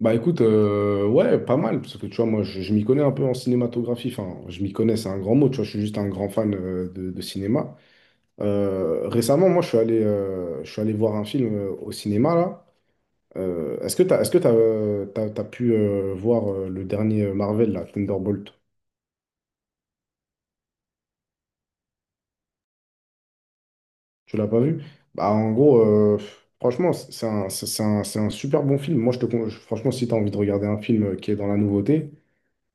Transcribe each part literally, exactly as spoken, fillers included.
Bah écoute, euh, ouais, pas mal, parce que tu vois, moi, je, je m'y connais un peu en cinématographie, enfin, je m'y connais, c'est un grand mot, tu vois, je suis juste un grand fan euh, de, de cinéma. Euh, récemment, moi, je suis allé, euh, je suis allé voir un film euh, au cinéma, là. Euh, est-ce que t'as, est-ce que t'as, euh, t'as- t'as pu euh, voir euh, le dernier Marvel, là, Thunderbolt? Tu l'as pas vu? Bah en gros, euh, franchement, c'est c'est un, c'est c'est un, c'est un super bon film. Moi, je te, con- je- franchement, si t'as envie de regarder un film euh, qui est dans la nouveauté,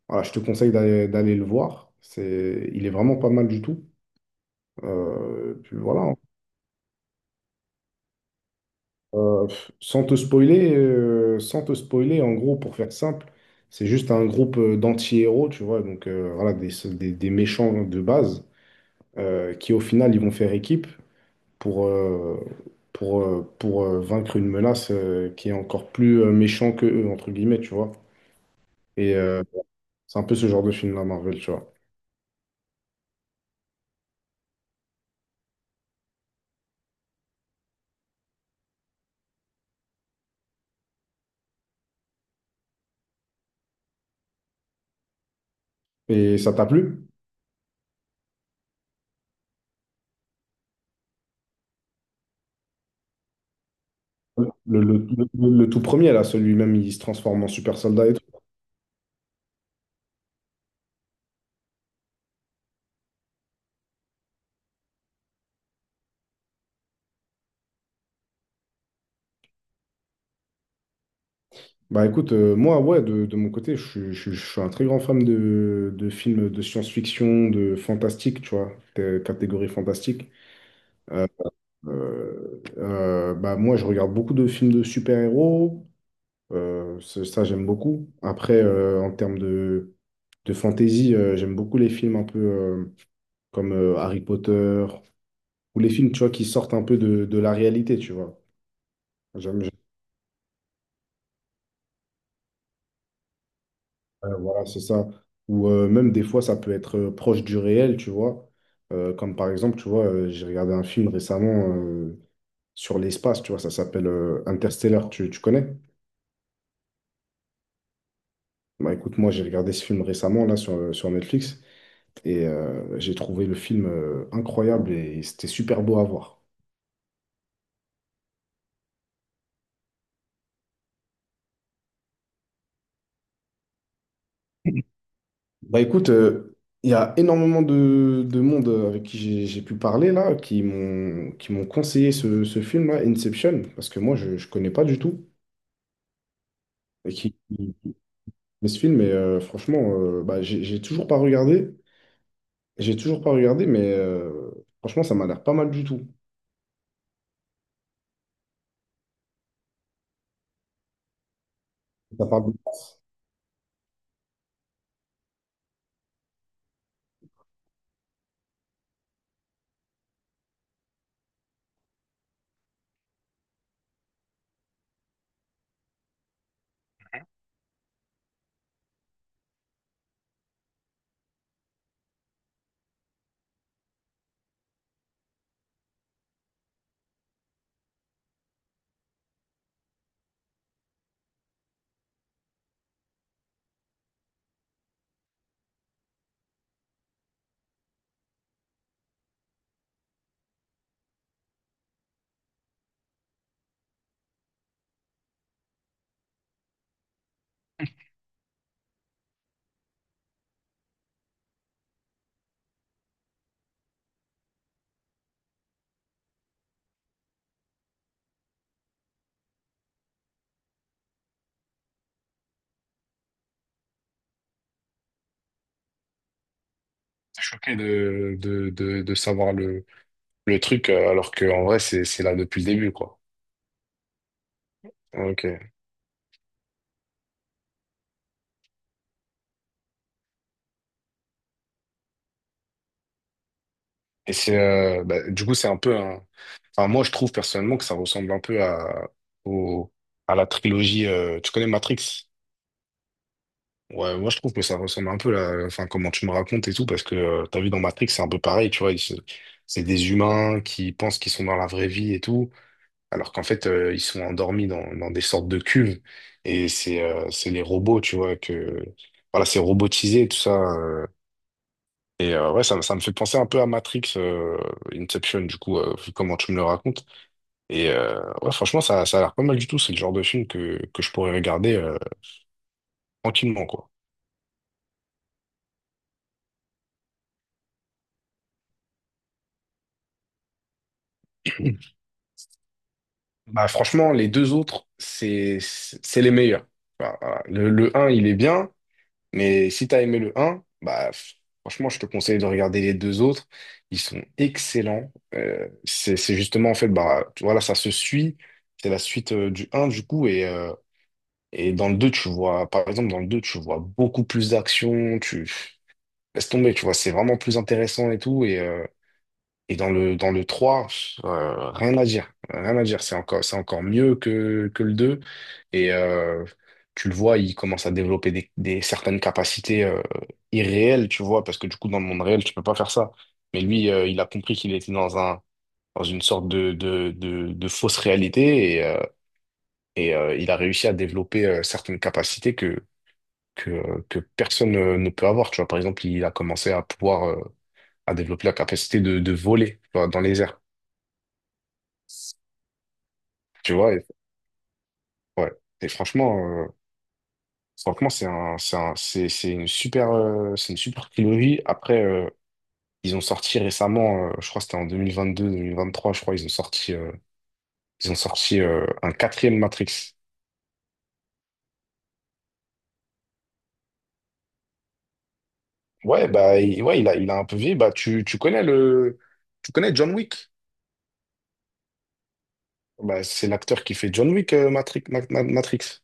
voilà, je te conseille d'aller d'aller le voir. C'est, il est vraiment pas mal du tout. Euh, puis voilà, Euh, sans te spoiler, euh, sans te spoiler, en gros, pour faire simple, c'est juste un groupe euh, d'anti-héros, tu vois, donc euh, voilà, des, des- des méchants de base euh, qui, au final, ils vont faire équipe pour, euh, pour, euh, pour euh, vaincre une menace euh, qui est encore plus euh, méchant que eux, entre guillemets, tu vois. Et euh, c'est un peu ce genre de film-là, Marvel, tu vois. Et ça t'a plu? Le, le, le- le tout premier, là, celui-même, il se transforme en super soldat et tout. Bah écoute, euh, moi, ouais, de, de mon côté, je, suis je suis- je suis un très grand fan de, de films de science-fiction, de fantastique, tu vois, t- catégorie fantastique. Euh, euh, euh, Bah moi, je regarde beaucoup de films de super-héros, euh, ça, ça, j'aime beaucoup. Après, euh, en termes de, de fantasy, euh, j'aime beaucoup les films un peu euh, comme euh, Harry Potter, ou les films, tu vois, qui sortent un peu de, de la réalité, tu vois. J'aime Euh, voilà, c'est ça. Ou euh, même des fois, ça peut être euh, proche du réel, tu vois. Euh, comme par exemple, tu vois, euh, j'ai regardé un film récemment euh, sur l'espace, tu vois, ça s'appelle euh, Interstellar, tu, tu connais? Bah écoute, moi j'ai regardé ce film récemment, là, sur, euh, sur Netflix, et euh, j'ai trouvé le film euh, incroyable et c'était super beau à voir. Bah écoute, euh, il y a énormément de, de monde avec qui j'ai j'ai pu parler là, qui m'ont qui m'ont conseillé ce, ce film-là, Inception, parce que moi je ne connais pas du tout, et qui, mais ce film, est, euh, franchement, euh, bah, j'ai j'ai toujours pas regardé. J'ai toujours pas regardé, mais euh, franchement, ça m'a l'air pas mal du tout. Ça parle de- T'es choqué de, de, de, de savoir le, le truc, euh, alors que en vrai, c'est, c'est là depuis le début, quoi. Ok. Et c'est, euh, bah, du coup, c'est un peu un. Enfin, moi, je trouve personnellement que ça ressemble un peu à, au, à la trilogie. euh, Tu connais Matrix? Ouais, moi je trouve que ça ressemble un peu là, enfin comment tu me racontes et tout, parce que euh, t'as vu dans Matrix, c'est un peu pareil, tu vois, ils se- c'est des humains qui pensent qu'ils sont dans la vraie vie et tout, alors qu'en fait euh, ils sont endormis dans, dans des sortes de cuves, et c'est euh, c'est les robots, tu vois, que voilà, c'est robotisé tout ça, euh, et euh, ouais, ça, me- ça me fait penser un peu à Matrix, euh, Inception, du coup, euh, vu comment tu me le racontes, et euh, ouais, franchement ça, ça a l'air pas mal du tout, c'est le genre de film que, que je pourrais regarder euh, tranquillement, quoi. Bah franchement, les deux autres, c'est c'est c'est les meilleurs. Bah, voilà. Le, le un il est bien, mais si t'as aimé le un bah f- franchement, je te conseille de regarder les deux autres. Ils sont excellents. Euh, c'est c'est justement en fait, bah tu- voilà, ça se suit. C'est la suite euh, du un du coup et euh, et dans le deux tu vois, par exemple, dans le deux tu vois beaucoup plus d'action. Tu laisse tomber, tu vois, c'est vraiment plus intéressant et tout et euh, et dans le, dans le trois euh, rien à dire. Rien à dire. C'est encore, c'est encore mieux que, que le deux. Et euh, Tu le vois, il commence à développer des, des- certaines capacités euh, irréelles, tu vois, parce que du coup, dans le monde réel, tu peux pas faire ça. Mais lui, euh, il a compris qu'il était dans un, dans une sorte de, de, de, de fausse réalité et, euh, et euh, il a réussi à développer euh, certaines capacités que, que, euh, que personne euh, ne peut avoir. Tu vois, par exemple, il a commencé à pouvoir, euh, à développer la capacité de, de voler, tu vois, dans les airs. Tu vois, et, ouais. Et franchement, euh, franchement, c'est un, c'est un- c'est, c'est une super, euh, c'est une super trilogie. Après, euh, ils ont sorti récemment, euh, je crois que c'était en deux deux deux mille mille vingt vingt trois je crois, ils ont sorti, euh, ils ont sorti euh, un quatrième Matrix. Ouais, bah, il, ouais, il a, il a un peu vieilli. Bah, tu, tu connais le, tu connais John Wick. Bah, c'est l'acteur qui fait John Wick, euh, Matrix, Ma- Ma- Matrix.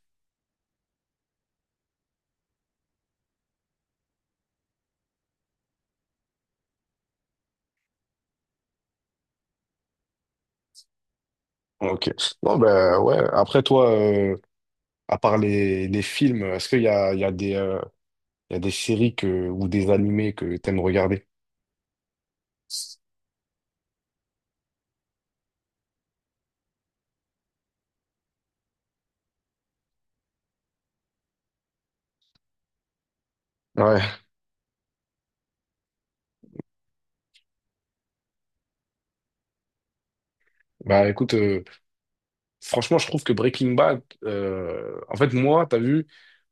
Ok. Bon, bah, ouais. Après, toi, euh, à part les, les films, est-ce qu'il y a, il y a des, euh, il y a des séries que, ou des animés que t'aimes regarder. Ouais. Bah écoute, euh, franchement, je trouve que Breaking Bad, euh, en fait, moi, t'as vu,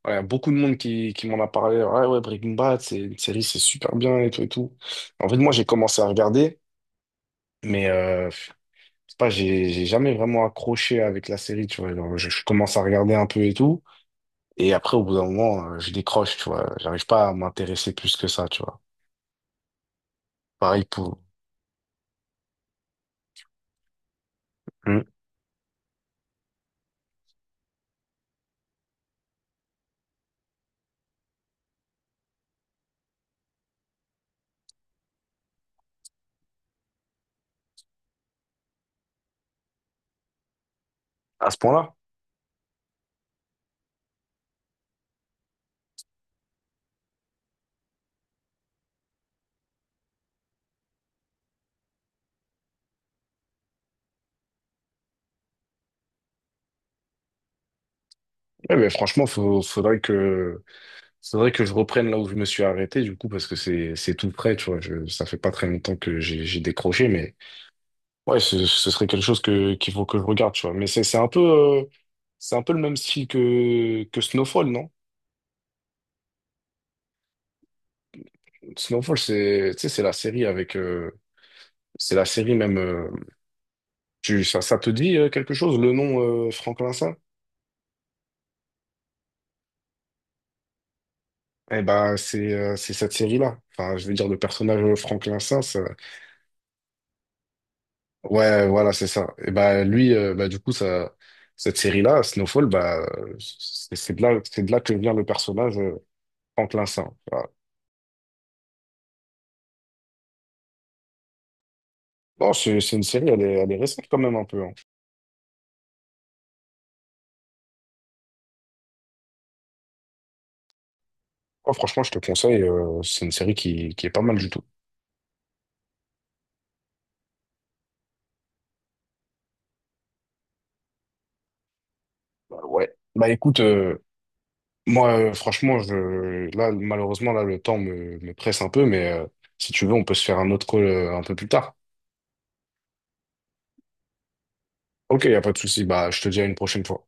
voilà, beaucoup de monde qui, qui m'en a parlé. Ouais, ouais, Breaking Bad, c'est une série, c'est super bien et tout et tout. En fait, moi, j'ai commencé à regarder, mais euh, je sais pas, j'ai j'ai jamais vraiment accroché avec la série, tu vois. Genre, je, je commence à regarder un peu et tout, et après, au bout d'un moment, euh, je décroche, tu vois. J'arrive pas à m'intéresser plus que ça, tu vois. Pareil pour. Hmm. À ce point-là? Ouais, mais franchement, faut, faudrait que, faudrait que je reprenne là où je me suis arrêté, du coup, parce que c'est, c'est tout prêt, tu vois. Je, ça fait pas très longtemps que j'ai, j'ai décroché, mais ouais, ce, ce serait quelque chose que, qu'il faut que je regarde, tu vois. Mais c'est, c'est un peu, euh, c'est un peu le même style que, que Snowfall, non? Snowfall, c'est, tu sais, c'est la série avec, euh, c'est la série même, euh, tu, ça, ça te dit euh, quelque chose, le nom, euh, Franklin Saint? Eh ben, c'est, euh, c'est cette série-là. Enfin, je veux dire, le personnage euh, Franklin Saint, ouais, voilà, c'est ça. Et bah lui, euh, bah du coup, ça, cette série-là, Snowfall, bah euh, c'est c'est de là, c'est de là que vient le personnage euh, Franklin Saint. Voilà. Bon, c'est c'est une série, elle est, elle est récente quand même un peu. Hein. Oh, franchement, je te conseille. euh, c'est une série qui, qui est pas mal du tout. Bah, ouais. Bah écoute, euh, moi, euh, franchement, je, là, malheureusement, là, le temps me, me presse un peu, mais euh, si tu veux, on peut se faire un autre call euh, un peu plus tard. Ok, y a pas de souci. Bah, je te dis à une prochaine fois.